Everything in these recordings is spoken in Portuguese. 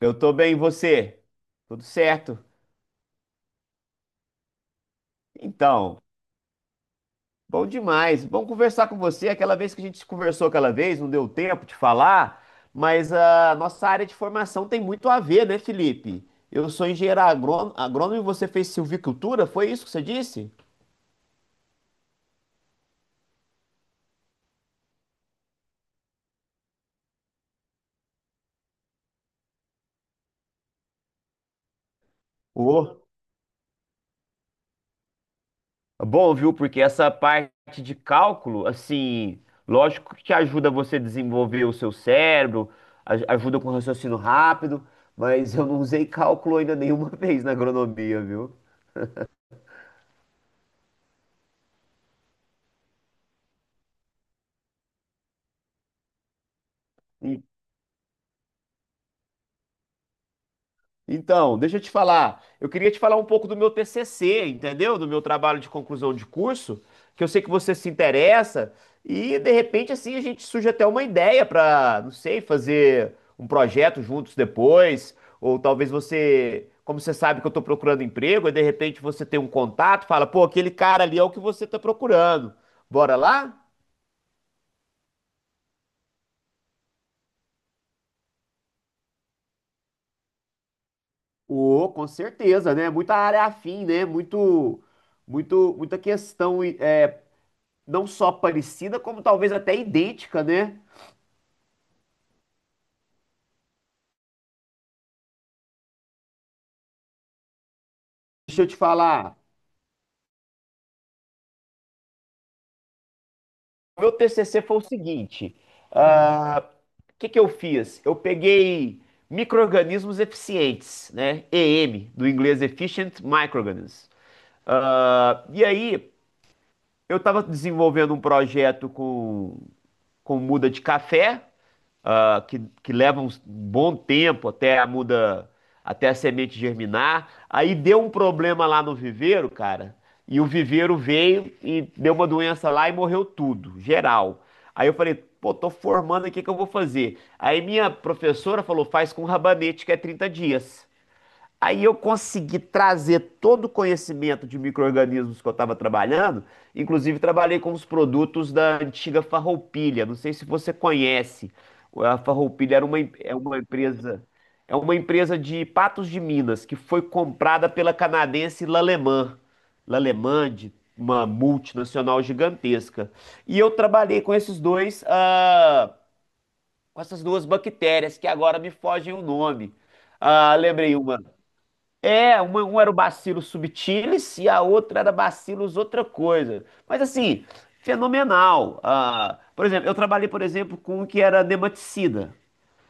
Eu tô bem, e você? Tudo certo? Então, bom demais. Bom conversar com você. Aquela vez que a gente conversou aquela vez, não deu tempo de falar, mas a nossa área de formação tem muito a ver, né, Felipe? Eu sou engenheiro agrônomo, agrônomo e você fez silvicultura, foi isso que você disse? Ô, bom, viu? Porque essa parte de cálculo, assim, lógico que ajuda você a desenvolver o seu cérebro, ajuda com raciocínio rápido, mas eu não usei cálculo ainda nenhuma vez na agronomia, viu? Então, deixa eu te falar. Eu queria te falar um pouco do meu TCC, entendeu? Do meu trabalho de conclusão de curso, que eu sei que você se interessa, e de repente assim a gente surge até uma ideia para, não sei, fazer um projeto juntos depois, ou talvez você, como você sabe que eu tô procurando emprego, e de repente você tem um contato, fala, pô, aquele cara ali é o que você tá procurando. Bora lá? Ô, com certeza, né? Muita área afim, né? Muito, muita questão é, não só parecida, como talvez até idêntica, né? Deixa eu te falar. O meu TCC foi o seguinte: ah, o que que eu fiz? Eu peguei micro-organismos eficientes, né? EM, do inglês Efficient Microorganisms. Ah, e aí, eu estava desenvolvendo um projeto com muda de café, que leva um bom tempo até a muda, até a semente germinar. Aí deu um problema lá no viveiro, cara, e o viveiro veio e deu uma doença lá e morreu tudo, geral. Aí eu falei, pô, tô formando aqui, o que eu vou fazer? Aí minha professora falou, faz com rabanete, que é 30 dias. Aí eu consegui trazer todo o conhecimento de micro-organismos que eu estava trabalhando, inclusive trabalhei com os produtos da antiga Farroupilha. Não sei se você conhece. A Farroupilha era uma, em- é uma empresa de Patos de Minas que foi comprada pela canadense L'Allemand, L'Allemand, uma multinacional gigantesca. E eu trabalhei com esses dois, com essas duas bactérias que agora me fogem o nome. Ah, lembrei uma. Um era o Bacillus subtilis e a outra era Bacillus outra coisa. Mas assim, fenomenal. Ah, por exemplo, eu trabalhei, por exemplo, com um que era nematicida.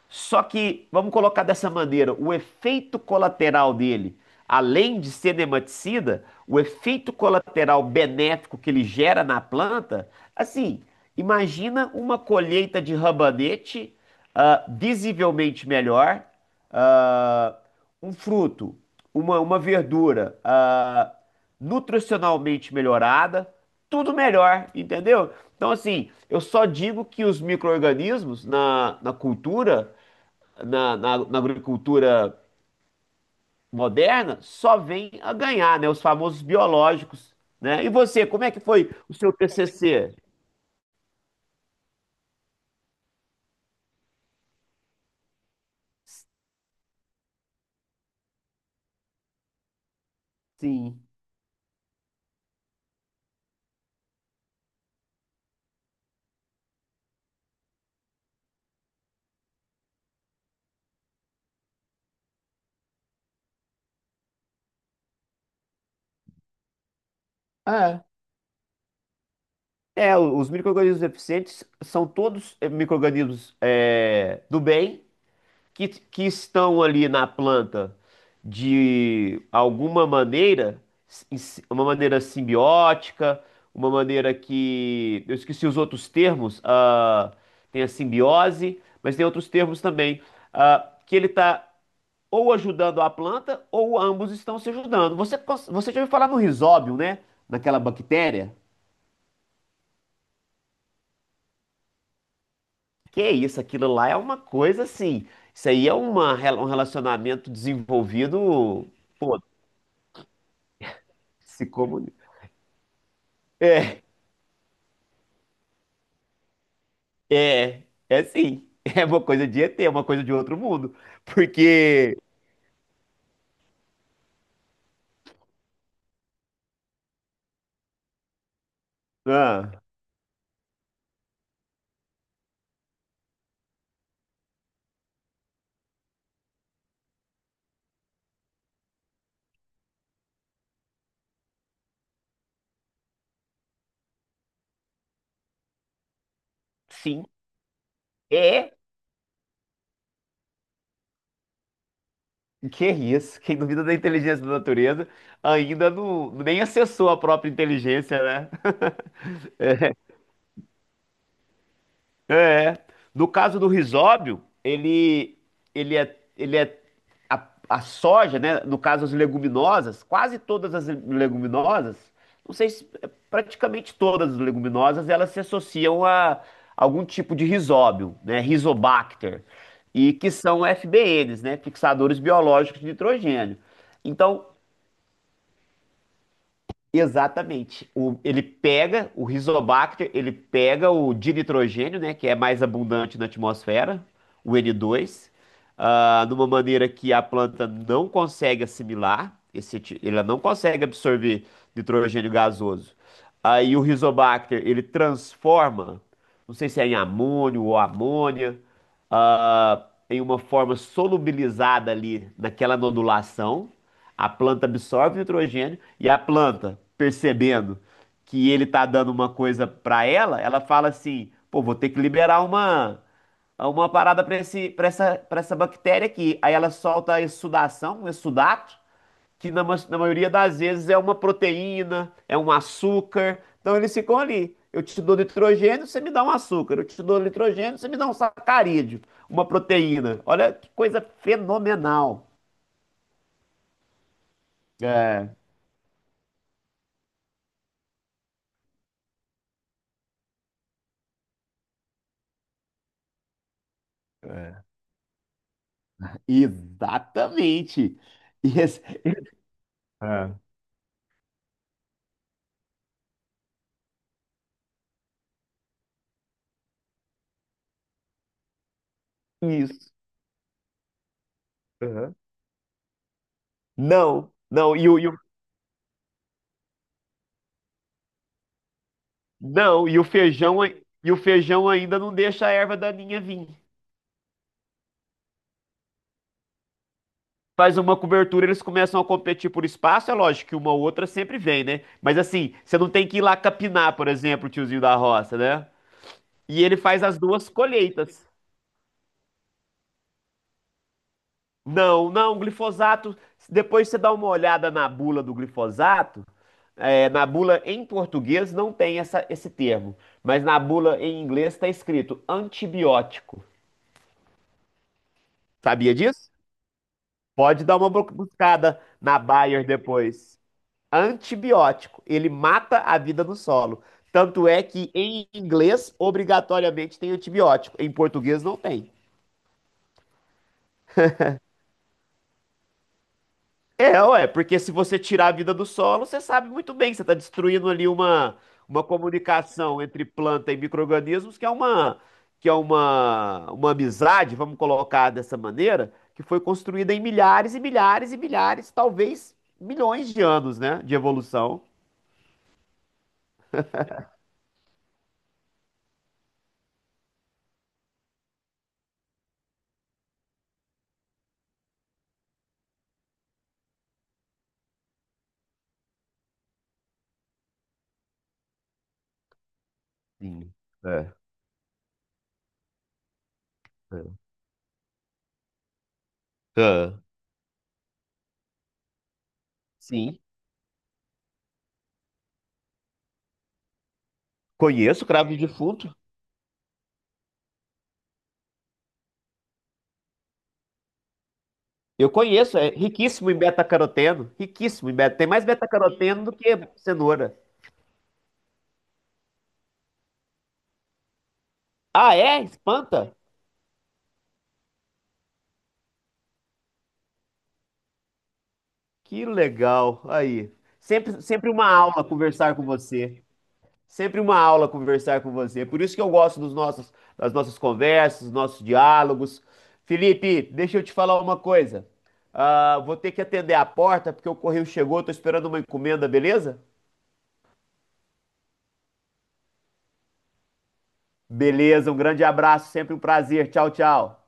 Só que, vamos colocar dessa maneira, o efeito colateral dele, além de ser cineticida, o efeito colateral benéfico que ele gera na planta, assim, imagina uma colheita de rabanete, visivelmente melhor, ah, um fruto, uma verdura, nutricionalmente melhorada, tudo melhor, entendeu? Então, assim, eu só digo que os micro-organismos na, na cultura na, na, na agricultura moderna só vem a ganhar, né? Os famosos biológicos, né? E você, como é que foi o seu TCC? Sim. É, é, os micro-organismos eficientes são todos micro-organismos do bem que estão ali na planta de alguma maneira, uma maneira simbiótica, uma maneira que, eu esqueci os outros termos, tem a simbiose, mas tem outros termos também, que ele está ou ajudando a planta ou ambos estão se ajudando. Você já ouviu falar no rizóbio, né? Naquela bactéria? Que isso, aquilo lá é uma coisa assim. Isso aí é uma, um relacionamento desenvolvido. Pô, se comunica. É, é sim. É uma coisa de ET, é uma coisa de outro mundo. Porque. Ah, sim, é. Que é isso? Quem duvida da inteligência da natureza ainda não, nem acessou a própria inteligência, né? É. No caso do risóbio, ele é a soja, né? No caso, as leguminosas, quase todas as leguminosas, não sei se é, praticamente todas as leguminosas, elas se associam a algum tipo de risóbio, né? Rizobacter, e que são FBNs, né? Fixadores biológicos de nitrogênio. Então, exatamente. Ele pega o Rizobacter, ele pega o dinitrogênio, né, que é mais abundante na atmosfera, o N2, de uma maneira que a planta não consegue assimilar, ela não consegue absorver nitrogênio gasoso. Aí o Rizobacter, ele transforma, não sei se é em amônio ou amônia, em uma forma solubilizada ali naquela nodulação. A planta absorve nitrogênio e a planta, percebendo que ele tá dando uma coisa para ela, ela fala assim: "Pô, vou ter que liberar uma parada para essa bactéria aqui". Aí ela solta a exsudação, um exsudato, que na maioria das vezes é uma proteína, é um açúcar. Então eles ficam ali. Eu te dou nitrogênio, você me dá um açúcar. Eu te dou nitrogênio, você me dá um sacarídeo, uma proteína. Olha que coisa fenomenal. É. Exatamente. E esse- Ah, isso. Aham. Não, não, e o- não, e o feijão ainda não deixa a erva daninha vir. Faz uma cobertura, eles começam a competir por espaço, é lógico que uma ou outra sempre vem, né? Mas assim, você não tem que ir lá capinar, por exemplo, o tiozinho da roça, né? E ele faz as duas colheitas. Não, não, glifosato. Depois você dá uma olhada na bula do glifosato. Na bula em português não tem esse termo, mas na bula em inglês está escrito antibiótico. Sabia disso? Pode dar uma buscada na Bayer depois. Antibiótico, ele mata a vida no solo. Tanto é que em inglês, obrigatoriamente, tem antibiótico. Em português, não tem. É, ué, porque se você tirar a vida do solo, você sabe muito bem que você está destruindo ali uma comunicação entre planta e micro-organismos, que é uma amizade, vamos colocar dessa maneira, que foi construída em milhares e milhares e milhares, talvez milhões de anos, né, de evolução. Sim. É, é. Ah, sim. Conheço o cravo de defunto. Eu conheço, é riquíssimo em beta-caroteno, riquíssimo em beta, tem mais beta-caroteno do que cenoura. Ah, é? Espanta? Que legal. Aí. Sempre uma aula conversar com você. Sempre uma aula conversar com você. Por isso que eu gosto das nossas conversas, dos nossos diálogos. Felipe, deixa eu te falar uma coisa. Ah, vou ter que atender a porta porque o correio chegou. Tô esperando uma encomenda, beleza? Beleza, um grande abraço, sempre um prazer. Tchau, tchau.